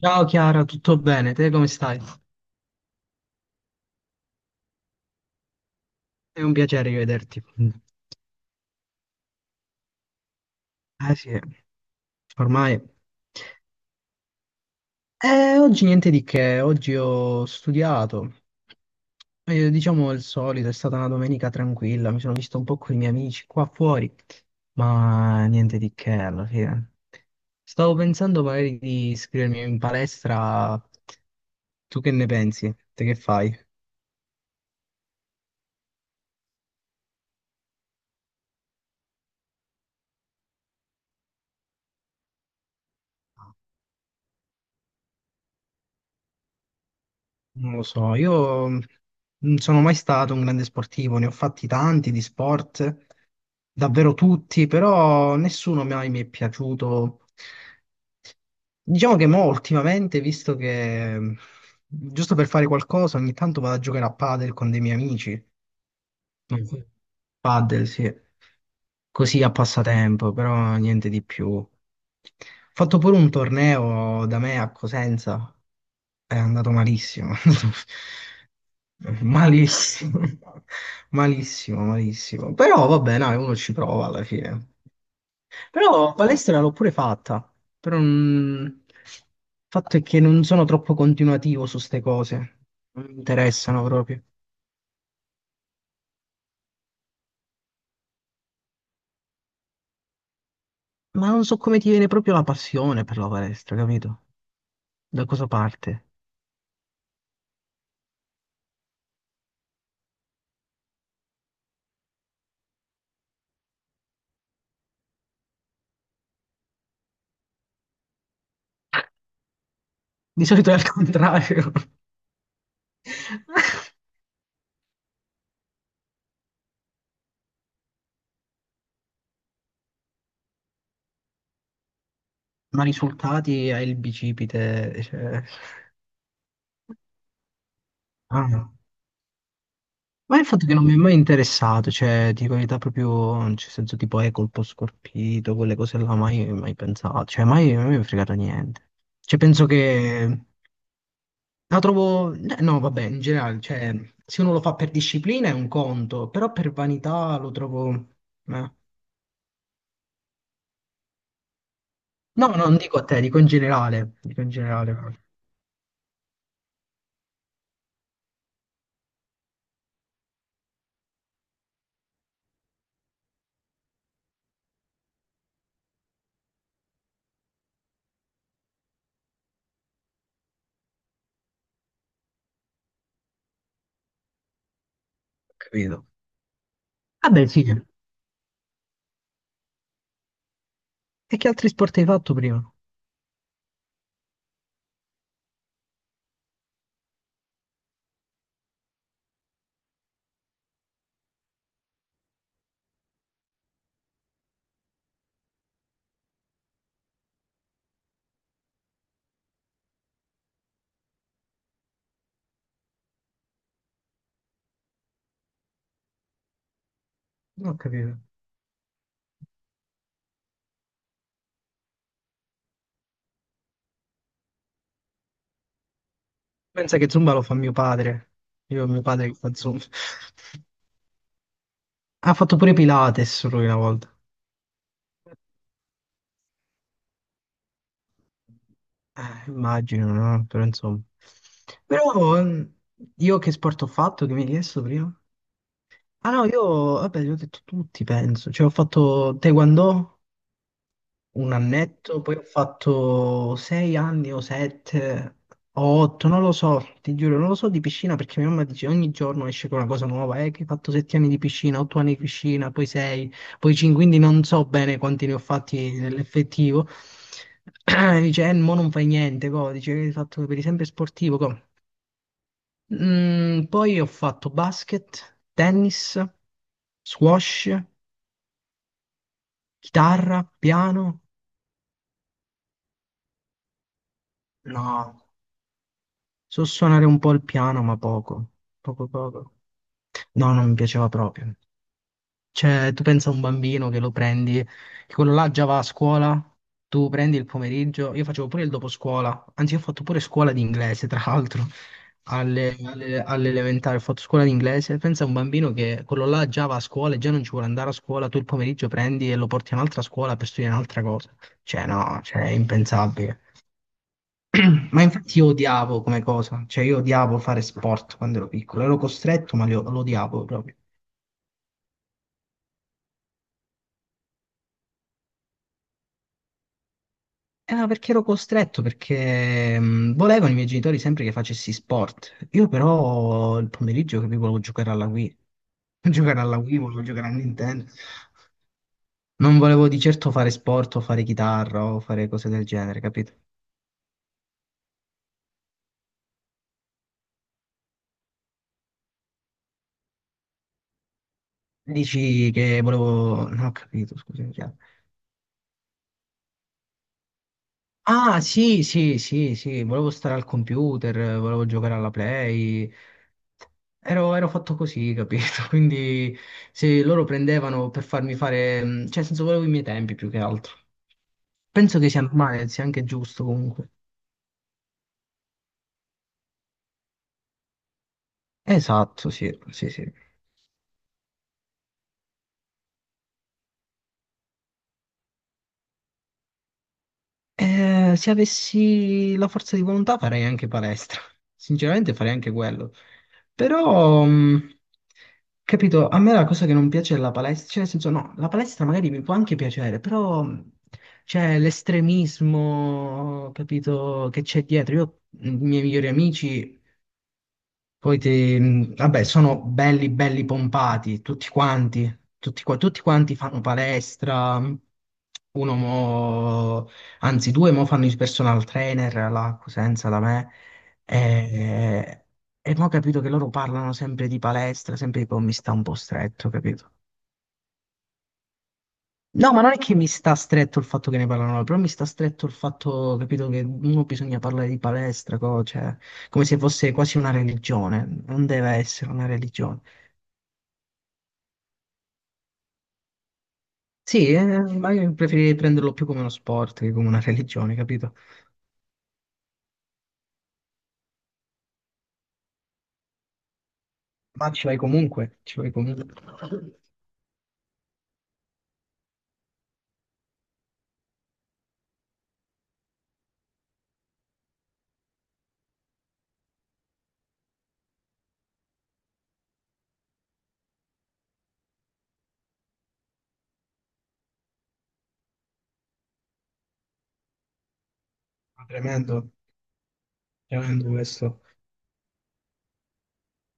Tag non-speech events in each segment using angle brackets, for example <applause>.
Ciao Chiara, tutto bene? Te come stai? È un piacere rivederti. Eh sì, ormai. Oggi niente di che, oggi ho studiato. Diciamo il solito, è stata una domenica tranquilla, mi sono visto un po' con i miei amici qua fuori, ma niente di che alla fine. Stavo pensando magari di iscrivermi in palestra. Tu che ne pensi? Te che fai? Non lo so, io non sono mai stato un grande sportivo, ne ho fatti tanti di sport, davvero tutti, però nessuno mai mi è piaciuto. Diciamo che mo ultimamente, visto che giusto per fare qualcosa, ogni tanto vado a giocare a padel con dei miei amici non so, padel, sì. Così a passatempo, però niente di più. Ho fatto pure un torneo da me a Cosenza. È andato malissimo. <laughs> Malissimo. Malissimo, malissimo. Però vabbè, dai, uno ci prova alla fine. Però palestra l'ho pure fatta. Però il fatto è che non sono troppo continuativo su ste cose. Non mi interessano proprio. Ma non so come ti viene proprio la passione per la palestra, capito? Da cosa parte? Di solito è al contrario. <laughs> Ma risultati hai il bicipite, cioè... ah. Ma il fatto che non mi è mai interessato, cioè, dico la verità proprio, nel senso tipo, colpo scorpito, quelle cose là, mai, mai pensato, cioè, mai, mai mi è fregato niente. Cioè, penso che la trovo, no, vabbè, in generale, cioè, se uno lo fa per disciplina è un conto, però per vanità lo trovo... eh. No, no, non dico a te, dico in generale. Dico in generale, proprio. Ho capito. Vabbè, sì. E che altri sport hai fatto prima? Non ho capito. Pensa che Zumba lo fa mio padre. Io ho mio padre che fa Zumba. <laughs> Ha fatto pure Pilates lui una volta. Immagino, no? Però insomma. Però io che sport ho fatto che mi hai chiesto prima? Ah no, io, vabbè, li ho detto tutti, penso. Cioè, ho fatto Taekwondo, un annetto, poi ho fatto 6 anni o sette o otto, non lo so, ti giuro, non lo so di piscina perché mia mamma dice ogni giorno esce con una cosa nuova, che hai fatto 7 anni di piscina, 8 anni di piscina, poi sei, poi cinque, quindi non so bene quanti ne ho fatti nell'effettivo. <clears throat> Dice, mo non fai niente, co. Dice che hai fatto per esempio sportivo, co. Poi ho fatto basket, tennis, squash, chitarra, piano. No. So suonare un po' il piano, ma poco, poco poco. No, non mi piaceva proprio. Cioè, tu pensa a un bambino che lo prendi, che quello là già va a scuola, tu prendi il pomeriggio, io facevo pure il dopo scuola, anzi ho fatto pure scuola di inglese, tra l'altro, all'elementare ho fatto scuola di inglese, pensa a un bambino che quello là già va a scuola e già non ci vuole andare a scuola, tu il pomeriggio prendi e lo porti a un'altra scuola per studiare un'altra cosa. Cioè, no, cioè, è impensabile. <clears throat> Ma infatti io odiavo come cosa, cioè io odiavo fare sport quando ero piccolo, ero costretto ma lo odiavo proprio. Ma perché ero costretto? Perché volevano i miei genitori sempre che facessi sport. Io però il pomeriggio capivo volevo giocare alla Wii, <laughs> giocare alla Wii, volevo giocare a Nintendo. Non volevo di certo fare sport o fare chitarra o fare cose del genere, capito? Dici che volevo... No, ho capito, scusa. Ah, sì, sì, sì, sì, volevo stare al computer, volevo giocare alla Play. Ero fatto così, capito? <laughs> Quindi se loro prendevano per farmi fare, cioè, nel senso, volevo i miei tempi più che altro. Penso che sia normale, sia anche giusto comunque. Esatto, sì, sì, sì. Se avessi la forza di volontà farei anche palestra. Sinceramente farei anche quello. Però, capito, a me la cosa che non piace della palestra, cioè nel senso no, la palestra magari mi può anche piacere, però c'è l'estremismo, capito, che c'è dietro. Io, i miei migliori amici poi ti, vabbè, sono belli, belli pompati, tutti quanti, tutti quanti fanno palestra, uno mo, anzi due mo fanno il personal trainer alla Cosenza da me, e, e mo ho capito che loro parlano sempre di palestra, sempre di, "Oh, mi sta un po' stretto, capito? No, ma non è che mi sta stretto il fatto che ne parlano loro, però mi sta stretto il fatto, capito, che uno bisogna parlare di palestra, cioè, come se fosse quasi una religione, non deve essere una religione. Sì, ma io preferirei prenderlo più come uno sport che come una religione, capito? Ma ci vai comunque, ci vai comunque. Ma tremendo, tremendo questo.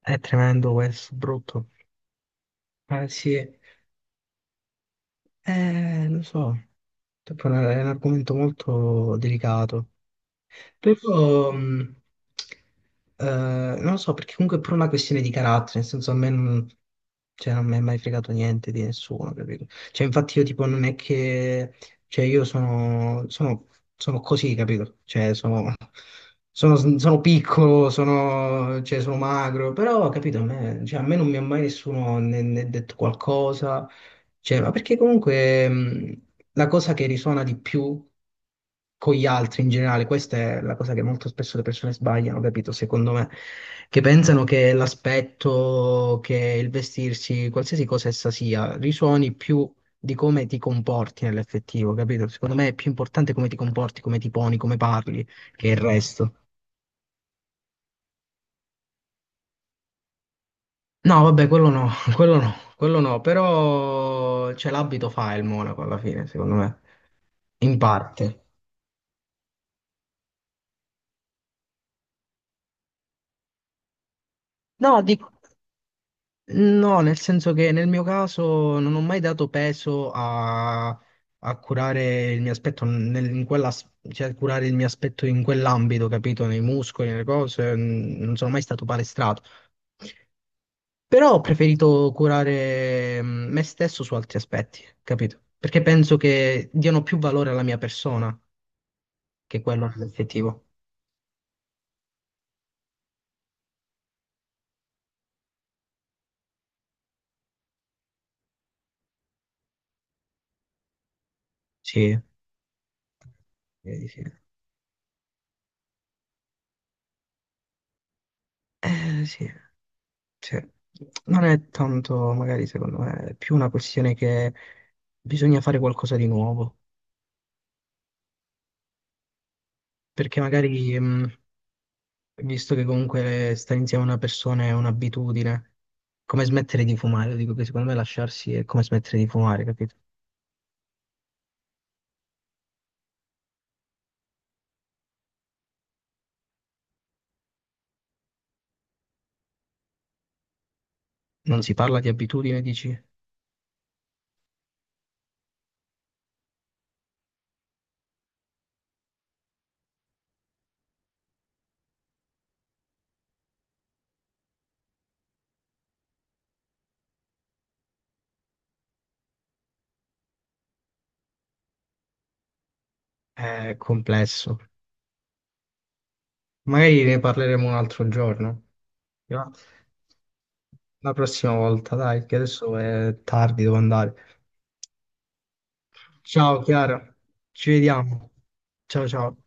È tremendo questo, brutto. Eh sì, lo so, tipo, è un argomento molto delicato. Però, non lo so, perché comunque è pure una questione di carattere, nel senso a me non, cioè, non mi è mai fregato niente di nessuno, capito? Cioè, infatti io tipo non è che, cioè io sono, sono, sono, così, capito? Cioè, sono piccolo, sono, cioè, sono magro, però, capito, a me, cioè, a me non mi ha mai nessuno né detto qualcosa, cioè, ma perché comunque la cosa che risuona di più con gli altri in generale, questa è la cosa che molto spesso le persone sbagliano, capito? Secondo me, che pensano che l'aspetto, che il vestirsi, qualsiasi cosa essa sia, risuoni più di come ti comporti nell'effettivo, capito? Secondo me è più importante come ti comporti, come ti poni, come parli, che il resto. No, vabbè, quello no, <laughs> quello no, però cioè, l'abito fa il monaco alla fine, secondo me, in parte. No, no, nel senso che nel mio caso non ho mai dato peso a, curare il mio aspetto, in quella, cioè a curare il mio aspetto in quell'ambito, capito? Nei muscoli, nelle cose, non sono mai stato palestrato. Però ho preferito curare me stesso su altri aspetti, capito? Perché penso che diano più valore alla mia persona, che quello è l'effettivo. Sì, direi di sì. Sì. Cioè, non è tanto, magari secondo me, è più una questione che bisogna fare qualcosa di nuovo, perché magari, visto che comunque stare insieme a una persona è un'abitudine, come smettere di fumare, dico che secondo me lasciarsi è come smettere di fumare, capito? Non si parla di abitudine, dici? È complesso. Magari ne parleremo un altro giorno, va? La prossima volta, dai, che adesso è tardi, devo andare. Ciao Chiara, ci vediamo. Ciao ciao.